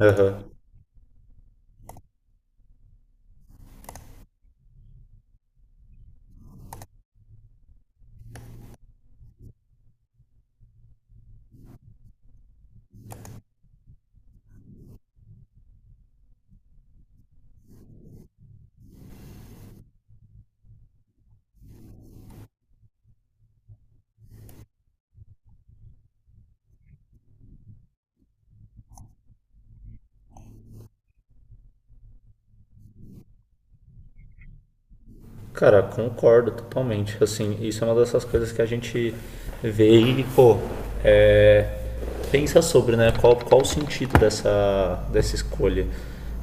Aham. Cara, concordo totalmente. Assim, isso é uma dessas coisas que a gente vê e, pô, é, pensa sobre, né? Qual o sentido dessa escolha?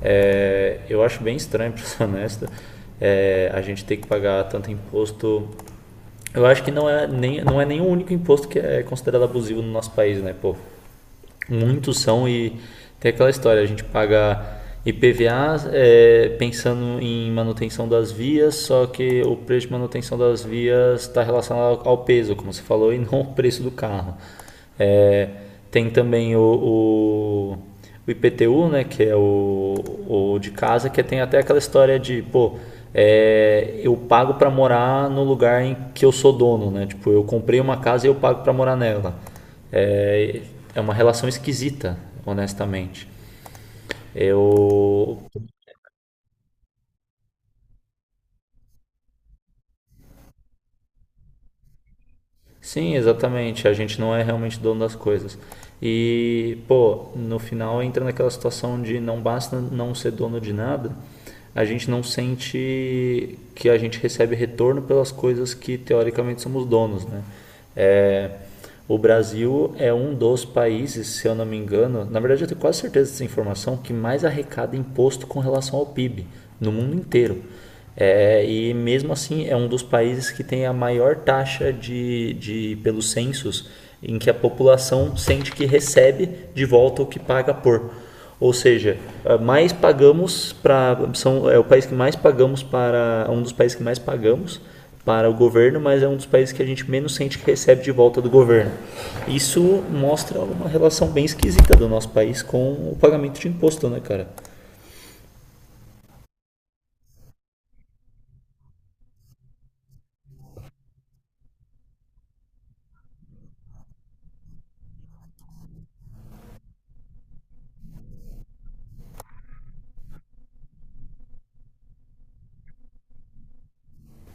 Eu acho bem estranho, pra ser honesto, a gente ter que pagar tanto imposto. Eu acho que não é nem o único imposto que é considerado abusivo no nosso país, né? Pô, muitos são e tem aquela história, a gente paga IPVA pensando em manutenção das vias, só que o preço de manutenção das vias está relacionado ao peso, como você falou, e não ao preço do carro. É, tem também o o IPTU, né, que é o de casa, que tem até aquela história de, pô, eu pago para morar no lugar em que eu sou dono, né? Tipo, eu comprei uma casa e eu pago para morar nela. É, é uma relação esquisita, honestamente. Eu. Sim, exatamente. A gente não é realmente dono das coisas. E, pô, no final entra naquela situação de não basta não ser dono de nada, a gente não sente que a gente recebe retorno pelas coisas que teoricamente somos donos, né? É, o Brasil é um dos países, se eu não me engano, na verdade eu tenho quase certeza dessa informação, que mais arrecada imposto com relação ao PIB no mundo inteiro. E mesmo assim é um dos países que tem a maior taxa de pelos censos em que a população sente que recebe de volta o que paga por. Ou seja, mais pagamos para são é o país que mais pagamos para um dos países que mais pagamos para o governo, mas é um dos países que a gente menos sente que recebe de volta do governo. Isso mostra uma relação bem esquisita do nosso país com o pagamento de imposto, né, cara?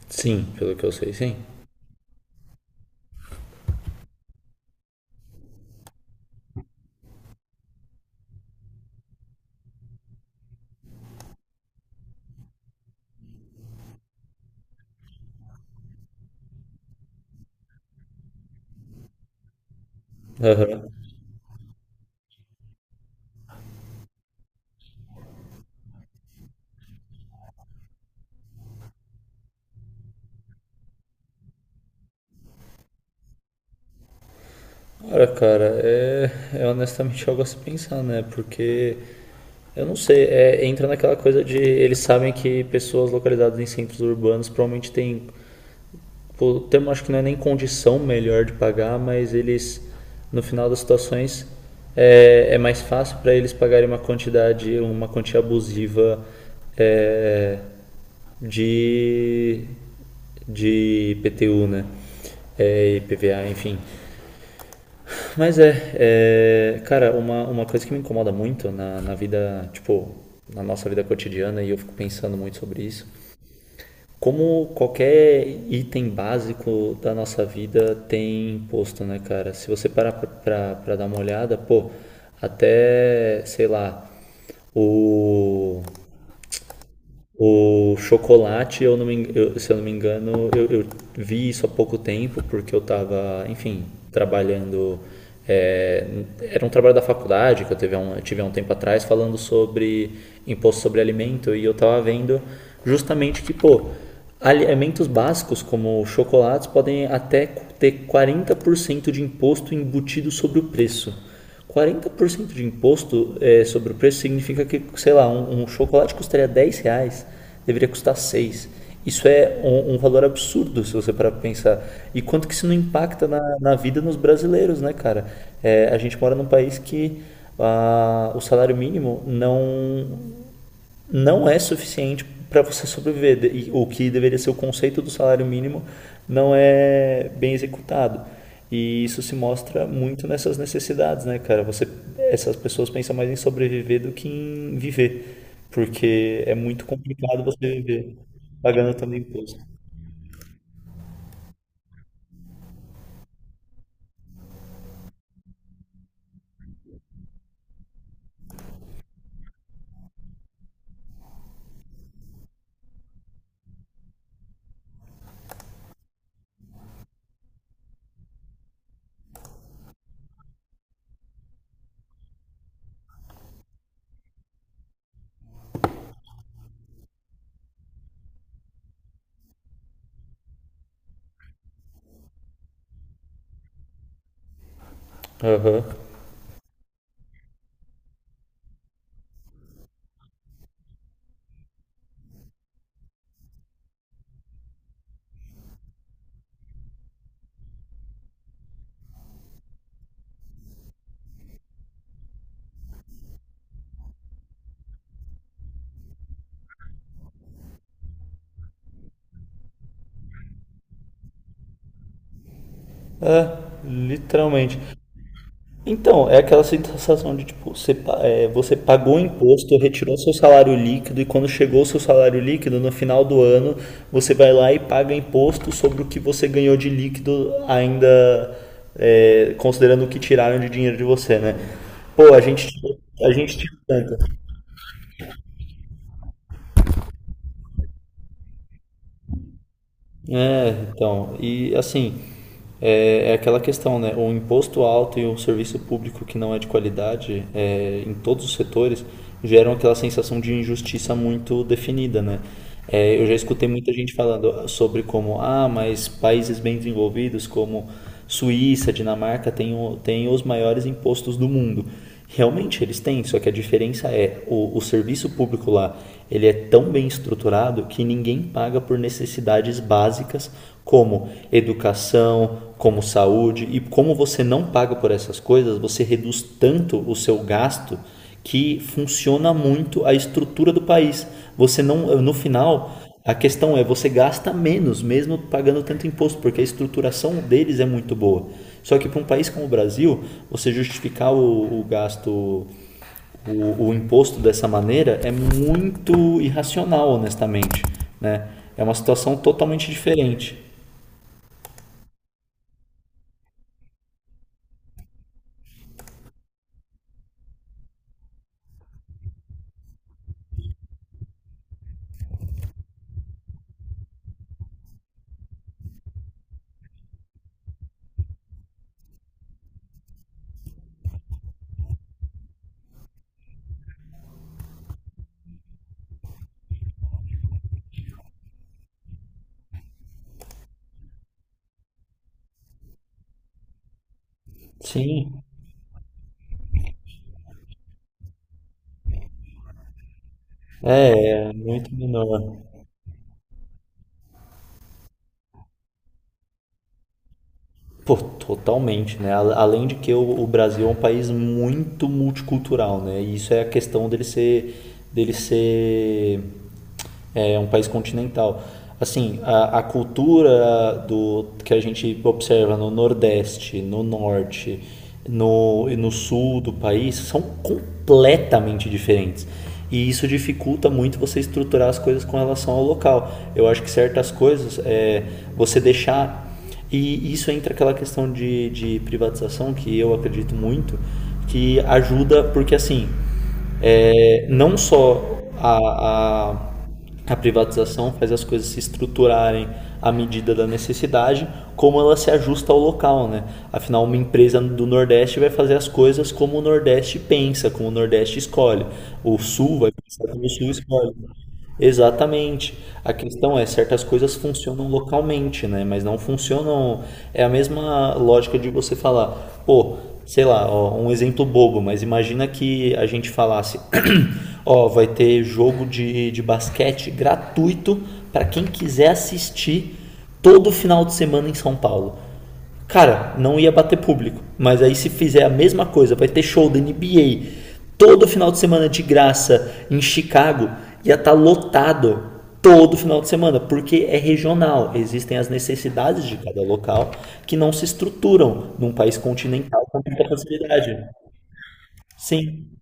Sim, pelo que eu sei, sim. Aham. Olha, cara, é honestamente algo a se pensar, né? Porque eu não sei, entra naquela coisa de eles sabem que pessoas localizadas em centros urbanos provavelmente têm o termo acho que não é nem condição melhor de pagar, mas eles, no final das situações, é mais fácil para eles pagarem uma quantidade, uma quantia abusiva é, de, de IPTU né? IPVA enfim. Mas cara, uma coisa que me incomoda muito na vida, tipo, na nossa vida cotidiana, e eu fico pensando muito sobre isso, como qualquer item básico da nossa vida tem imposto, né, cara? Se você parar pra dar uma olhada, pô, até, sei lá, o o chocolate, eu não me, eu- se eu não me engano, eu vi isso há pouco tempo, porque eu estava, enfim, trabalhando. é, era um trabalho da faculdade que eu tive há um tempo atrás, falando sobre imposto sobre alimento, e eu estava vendo justamente que, pô, alimentos básicos como chocolates podem até ter 40% de imposto embutido sobre o preço. 40% de imposto sobre o preço significa que, sei lá, um chocolate custaria R$ 10, deveria custar seis. Isso é um valor absurdo se você parar para pensar. E quanto que isso não impacta na vida nos brasileiros, né, cara? A gente mora num país que ah, o salário mínimo não é suficiente para você sobreviver. E o que deveria ser o conceito do salário mínimo não é bem executado. E isso se mostra muito nessas necessidades, né, cara? Essas pessoas pensam mais em sobreviver do que em viver, porque é muito complicado você viver pagando também imposto. Aham. É, literalmente. Então, é aquela sensação de tipo, você pagou o imposto, retirou seu salário líquido e quando chegou o seu salário líquido, no final do ano, você vai lá e paga imposto sobre o que você ganhou de líquido ainda considerando o que tiraram de dinheiro de você, né? Pô, a gente tinha um. Então, e assim, é aquela questão, né? O imposto alto e o serviço público que não é de qualidade, em todos os setores, geram aquela sensação de injustiça muito definida, né? Eu já escutei muita gente falando sobre como, ah, mas países bem desenvolvidos como Suíça, Dinamarca têm, têm os maiores impostos do mundo. Realmente eles têm, só que a diferença é o serviço público lá ele é tão bem estruturado que ninguém paga por necessidades básicas como educação, como saúde e como você não paga por essas coisas, você reduz tanto o seu gasto que funciona muito a estrutura do país. Você não, No final, a questão é, você gasta menos, mesmo pagando tanto imposto, porque a estruturação deles é muito boa. Só que para um país como o Brasil, você justificar o gasto, o imposto dessa maneira é muito irracional, honestamente. Né? É uma situação totalmente diferente. Sim, é muito menor. Pô, totalmente, né? Além de que o Brasil é um país muito multicultural, né? E isso é a questão dele ser um país continental. Assim, a cultura do que a gente observa no Nordeste, no Norte, no, e no Sul do país são completamente diferentes. E isso dificulta muito você estruturar as coisas com relação ao local. Eu acho que certas coisas, você deixar, e isso entra aquela questão de privatização que eu acredito muito, que ajuda, porque assim, não só a privatização faz as coisas se estruturarem à medida da necessidade, como ela se ajusta ao local, né? Afinal, uma empresa do Nordeste vai fazer as coisas como o Nordeste pensa, como o Nordeste escolhe. O Sul vai pensar como o Sul escolhe. Exatamente. A questão é, certas coisas funcionam localmente, né? Mas não funcionam. É a mesma lógica de você falar, pô, sei lá, ó, um exemplo bobo, mas imagina que a gente falasse, ó, vai ter jogo de basquete gratuito para quem quiser assistir todo final de semana em São Paulo. Cara, não ia bater público. Mas aí se fizer a mesma coisa, vai ter show da NBA todo final de semana de graça em Chicago, ia estar lotado todo final de semana, porque é regional. Existem as necessidades de cada local que não se estruturam num país continental com tanta facilidade. Sim.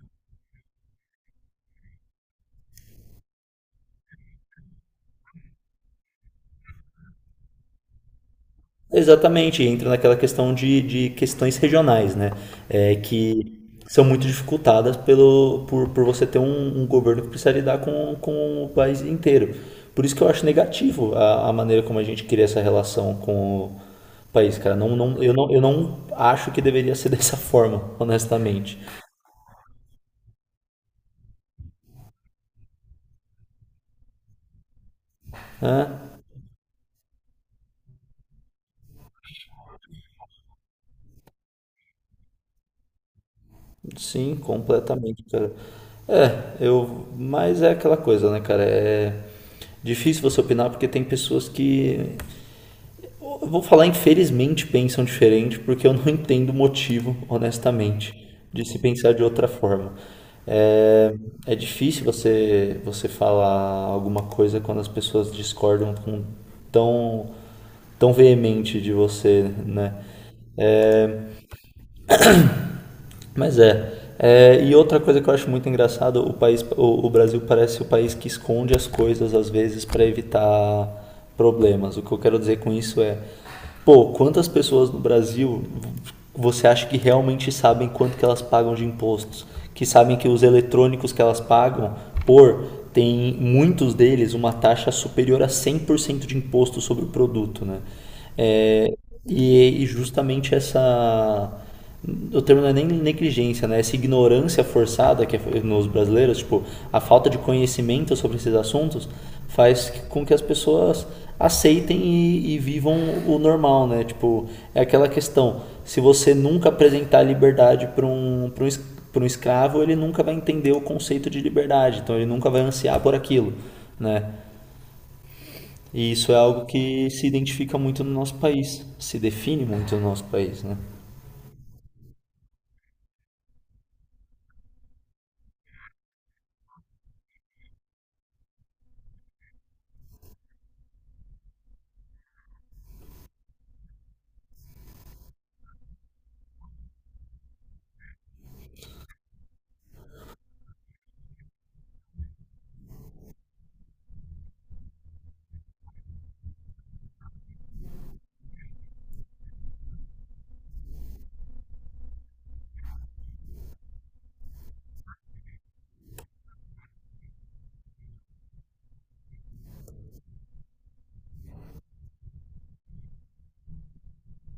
Exatamente, entra naquela questão de questões regionais, né? Que são muito dificultadas pelo, por você ter um governo que precisa lidar com o país inteiro. Por isso que eu acho negativo a maneira como a gente cria essa relação com o país, cara. Não, não, não, eu não acho que deveria ser dessa forma, honestamente. Né? Sim, completamente, cara. Mas é aquela coisa, né, cara? É difícil você opinar porque tem pessoas que eu vou falar infelizmente pensam diferente, porque eu não entendo o motivo, honestamente, de se pensar de outra forma. É, é difícil você, você falar alguma coisa quando as pessoas discordam com tão, tão veemente de você, né? Mas é. E outra coisa que eu acho muito engraçado, o Brasil parece o país que esconde as coisas às vezes para evitar problemas. O que eu quero dizer com isso é, pô, quantas pessoas no Brasil você acha que realmente sabem quanto que elas pagam de impostos? Que sabem que os eletrônicos que elas pagam por tem muitos deles uma taxa superior a 100% de imposto sobre o produto, né? É, e justamente essa. O termo não é nem negligência, né? Essa ignorância forçada que é nos brasileiros, tipo, a falta de conhecimento sobre esses assuntos faz com que as pessoas aceitem e vivam o normal, né? Tipo, é aquela questão, se você nunca apresentar liberdade pra um escravo, ele nunca vai entender o conceito de liberdade, então ele nunca vai ansiar por aquilo, né? E isso é algo que se identifica muito no nosso país, se define muito no nosso país, né?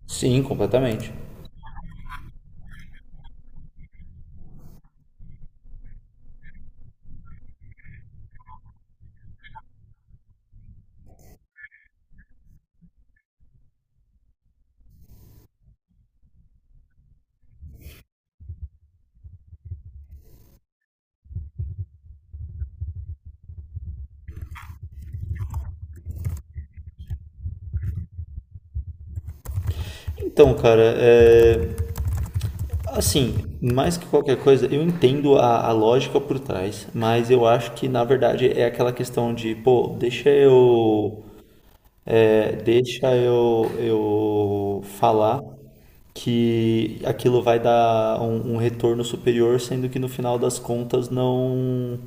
Sim, completamente. Então, cara, assim, mais que qualquer coisa, eu entendo a lógica por trás, mas eu acho que na verdade é aquela questão de, pô, deixa eu falar que aquilo vai dar um retorno superior, sendo que no final das contas não.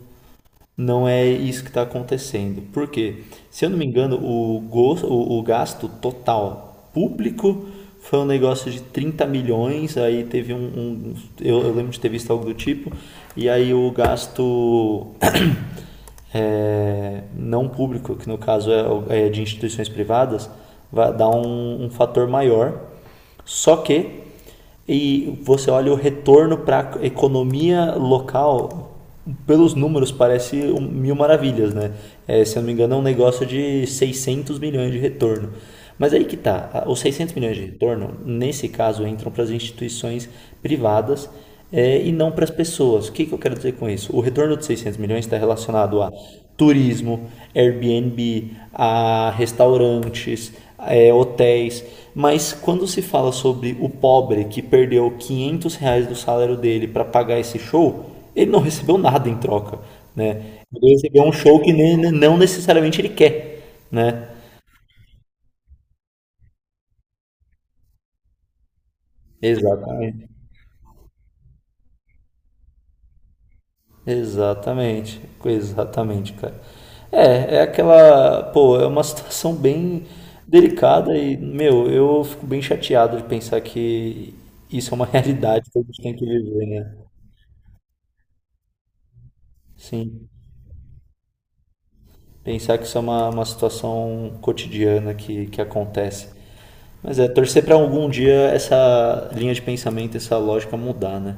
Não é isso que está acontecendo. Por quê? Se eu não me engano, o gasto total público foi um negócio de 30 milhões, aí teve um. Eu lembro de ter visto algo do tipo, e aí o gasto não público, que no caso é de instituições privadas, vai dar um fator maior. Só que e você olha o retorno para a economia local, pelos números parece mil maravilhas, né? Se eu não me engano, é um negócio de 600 milhões de retorno. Mas aí que tá, os 600 milhões de retorno, nesse caso, entram para as instituições privadas e não para as pessoas. O que, que eu quero dizer com isso? O retorno de 600 milhões está relacionado a turismo, Airbnb, a restaurantes, hotéis. Mas quando se fala sobre o pobre que perdeu R$ 500 do salário dele para pagar esse show, ele não recebeu nada em troca, né? Ele recebeu um show que não necessariamente ele quer, né? Exatamente. Exatamente, exatamente, cara. É aquela, pô, é uma situação bem delicada e, meu, eu fico bem chateado de pensar que isso é uma realidade que a gente tem que viver, né? Sim, pensar que isso é uma situação cotidiana que acontece. Mas torcer pra algum dia essa linha de pensamento, essa lógica mudar, né?